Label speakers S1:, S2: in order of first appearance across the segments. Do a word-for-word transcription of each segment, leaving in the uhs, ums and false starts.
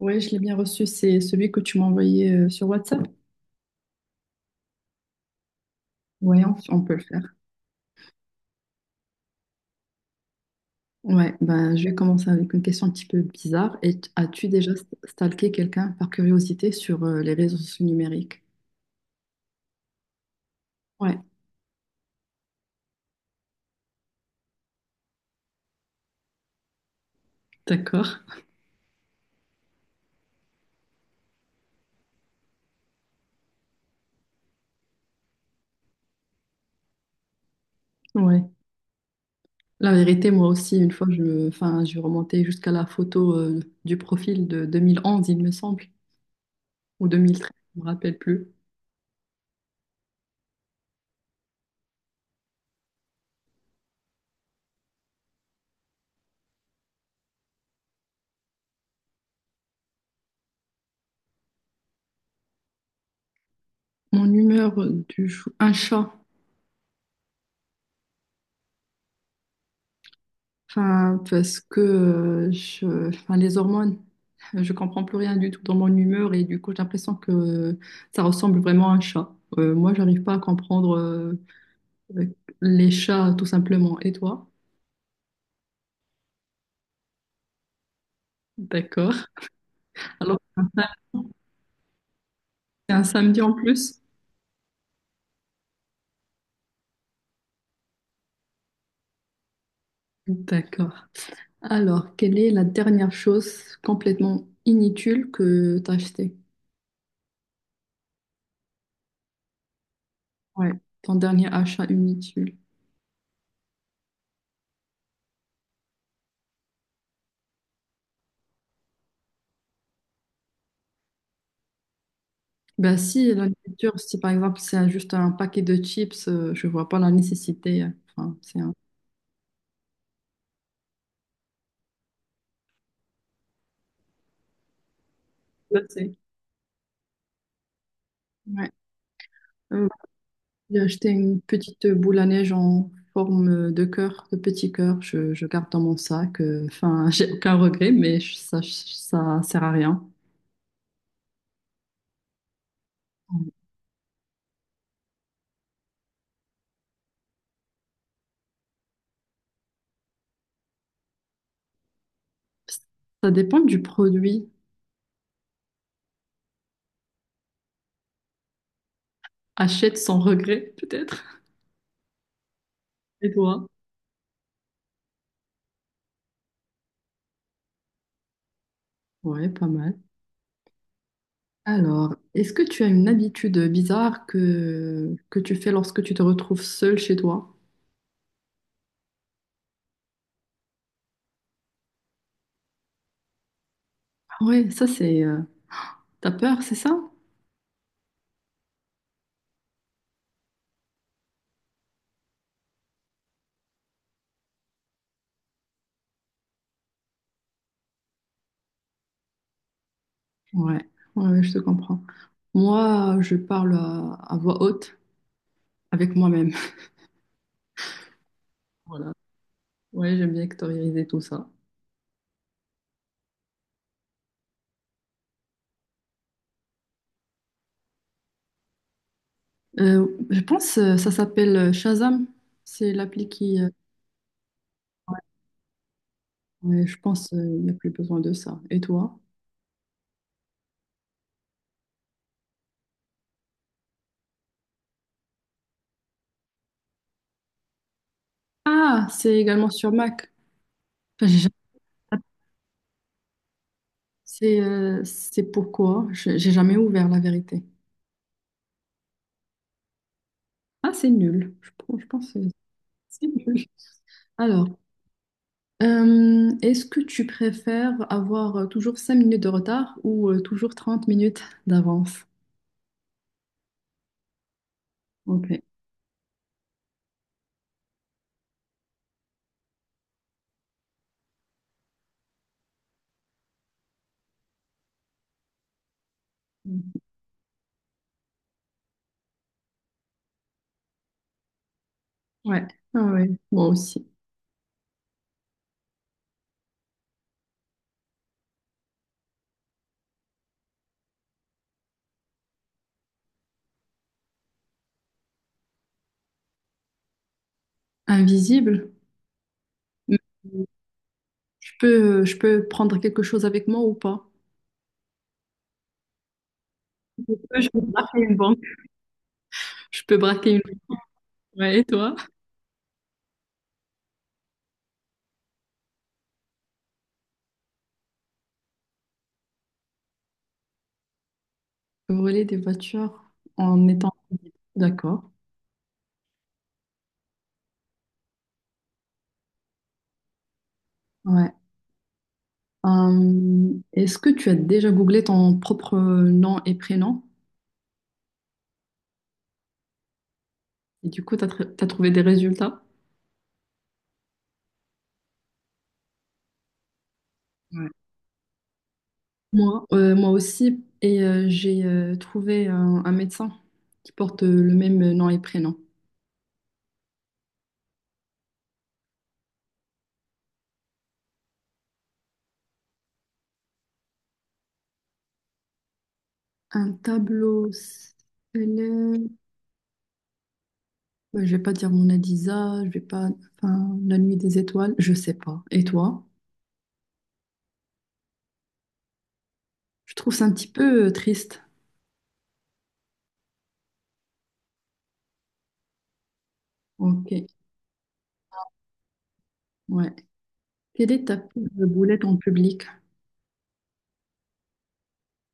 S1: Ouais, je l'ai bien reçu. C'est celui que tu m'as envoyé euh, sur WhatsApp. Ouais, on, on peut le faire. Ouais, ben je vais commencer avec une question un petit peu bizarre. Et as-tu déjà stalké quelqu'un par curiosité sur euh, les réseaux sociaux numériques? Ouais, d'accord. Ouais. La vérité, moi aussi, une fois, je me, enfin, je remontais jusqu'à la photo euh, du profil de deux mille onze, il me semble, ou deux mille treize, je me rappelle plus. Mon humeur du jour, un chat. Enfin, parce que euh, je, enfin, les hormones, je comprends plus rien du tout dans mon humeur et du coup, j'ai l'impression que ça ressemble vraiment à un chat. Euh, moi, j'arrive pas à comprendre euh, les chats tout simplement. Et toi? D'accord. Alors, c'est un sam- c'est un samedi en plus? D'accord. Alors, quelle est la dernière chose complètement inutile que tu as achetée? Ouais, ton dernier achat inutile. Ben si, la nourriture, si par exemple c'est juste un paquet de chips, euh, je vois pas la nécessité. euh, Enfin, c'est un. Là, c'est- Ouais. Euh, j'ai acheté une petite boule à neige en forme euh, de cœur, de petit cœur. Je, je garde dans mon sac. euh, Enfin, j'ai aucun regret, mais je- ça, ça sert à rien. Ouais. Ça dépend du produit. Achète sans regret, peut-être. Et toi? Ouais, pas mal. Alors, est-ce que tu as une habitude bizarre que, que tu fais lorsque tu te retrouves seule chez toi? Ouais, ça c'est. Euh, T'as peur, c'est ça? Ouais. Ouais, ouais, je te comprends. Moi, je parle à, à voix haute avec moi-même. Voilà. Ouais, j'aime bien extérioriser tout ça. Euh, je pense euh, ça s'appelle euh, Shazam. C'est l'appli qui. Euh, ouais, je pense euh, il n'y a plus besoin de ça. Et toi? Ah, c'est également sur Mac. Enfin, j'ai jamais- C'est euh, c'est pourquoi j'ai j'ai jamais ouvert la vérité. Ah, c'est nul. Je, pense je pense que c'est nul. Alors. Euh, est-ce que tu préfères avoir euh, toujours cinq minutes de retard ou euh, toujours trente minutes d'avance? Ok. Ouais. Ah ouais, moi aussi. Invisible? Mais Je peux, je peux prendre quelque chose avec moi ou pas? Je peux, je peux braquer une banque. Je peux, braquer une banque. Ouais, et toi? Voler des voitures en étant d'accord. Ouais. Euh, est-ce que tu as déjà googlé ton propre nom et prénom et du coup, tu as trouvé des résultats? Moi, euh, moi aussi, et euh, j'ai euh, trouvé un, un médecin qui porte euh, le même euh, nom et prénom. Un tableau célèbre. Ouais, je vais pas dire mon Adisa, je vais pas. Enfin, la nuit des étoiles, je sais pas. Et toi? Je trouve ça un petit peu euh, triste. Ok, ouais. Quelle est ta pire boulette en public?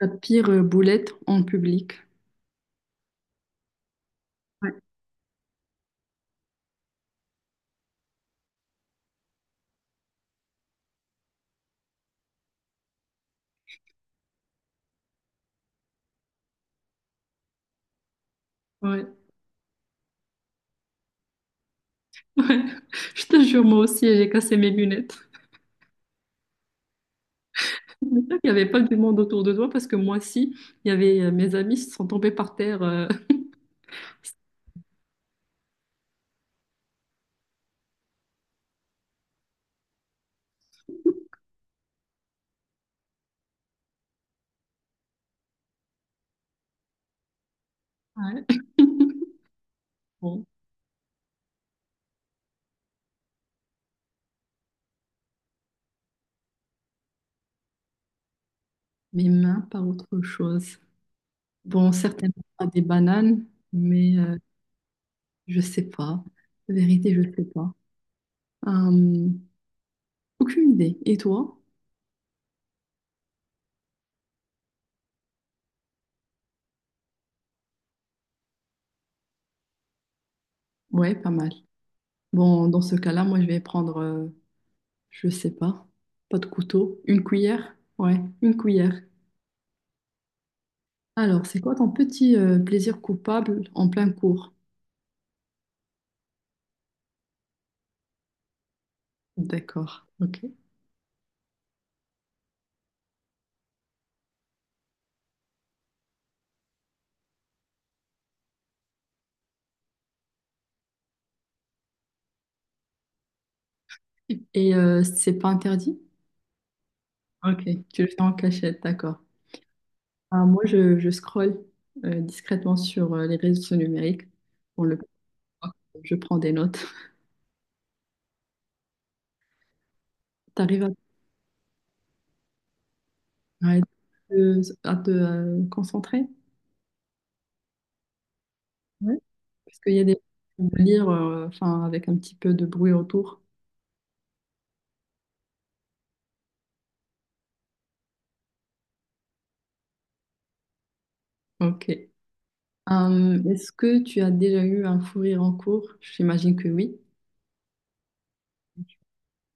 S1: Ta pire euh, boulette en public? Ouais, ouais, ouais. Je te jure, moi aussi, j'ai cassé mes lunettes. J'espère qu'il n'y avait pas du monde autour de toi parce que moi, si, il y avait euh, mes amis qui sont tombés par terre. euh, Ouais. Bon, mes mains, pas autre chose. Bon, certainement pas des bananes, mais euh, je sais pas. La vérité, je sais pas. Euh, Aucune idée. Et toi? Ouais, pas mal. Bon, dans ce cas-là, moi, je vais prendre, euh, je sais pas, pas de couteau, une cuillère. Ouais, une cuillère. Alors, c'est quoi ton petit euh, plaisir coupable en plein cours? D'accord. Ok. Et euh, c'est pas interdit? Ok, tu le fais en cachette, d'accord. Ah, moi, je, je scrolle euh, discrètement sur euh, les réseaux sociaux numériques. On le voit. Je prends des notes. T'arrives à, à te, à te, euh, concentrer? Ouais. Parce qu'il y a des choses à lire euh, enfin, avec un petit peu de bruit autour. Ok. Hum, est-ce que tu as déjà eu un fou rire en cours? J'imagine que oui.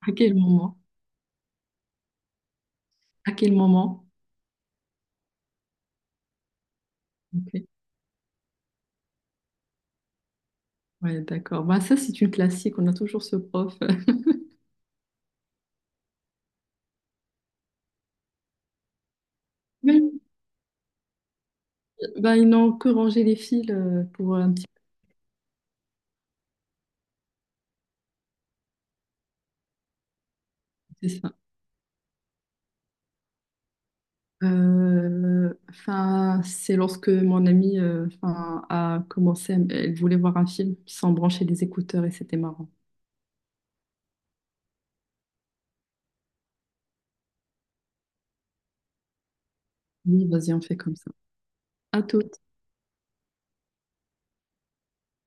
S1: À quel moment? À quel moment? Ok. Ouais, d'accord. Bah, ça, c'est une classique. On a toujours ce prof. Oui. Ben, ils n'ont que rangé les fils euh, pour un petit peu, c'est ça. Euh, Enfin, c'est lorsque mon amie euh, enfin, a commencé, à- m- elle voulait voir un film sans brancher les écouteurs et c'était marrant. Oui, vas-y, on fait comme ça. À tout.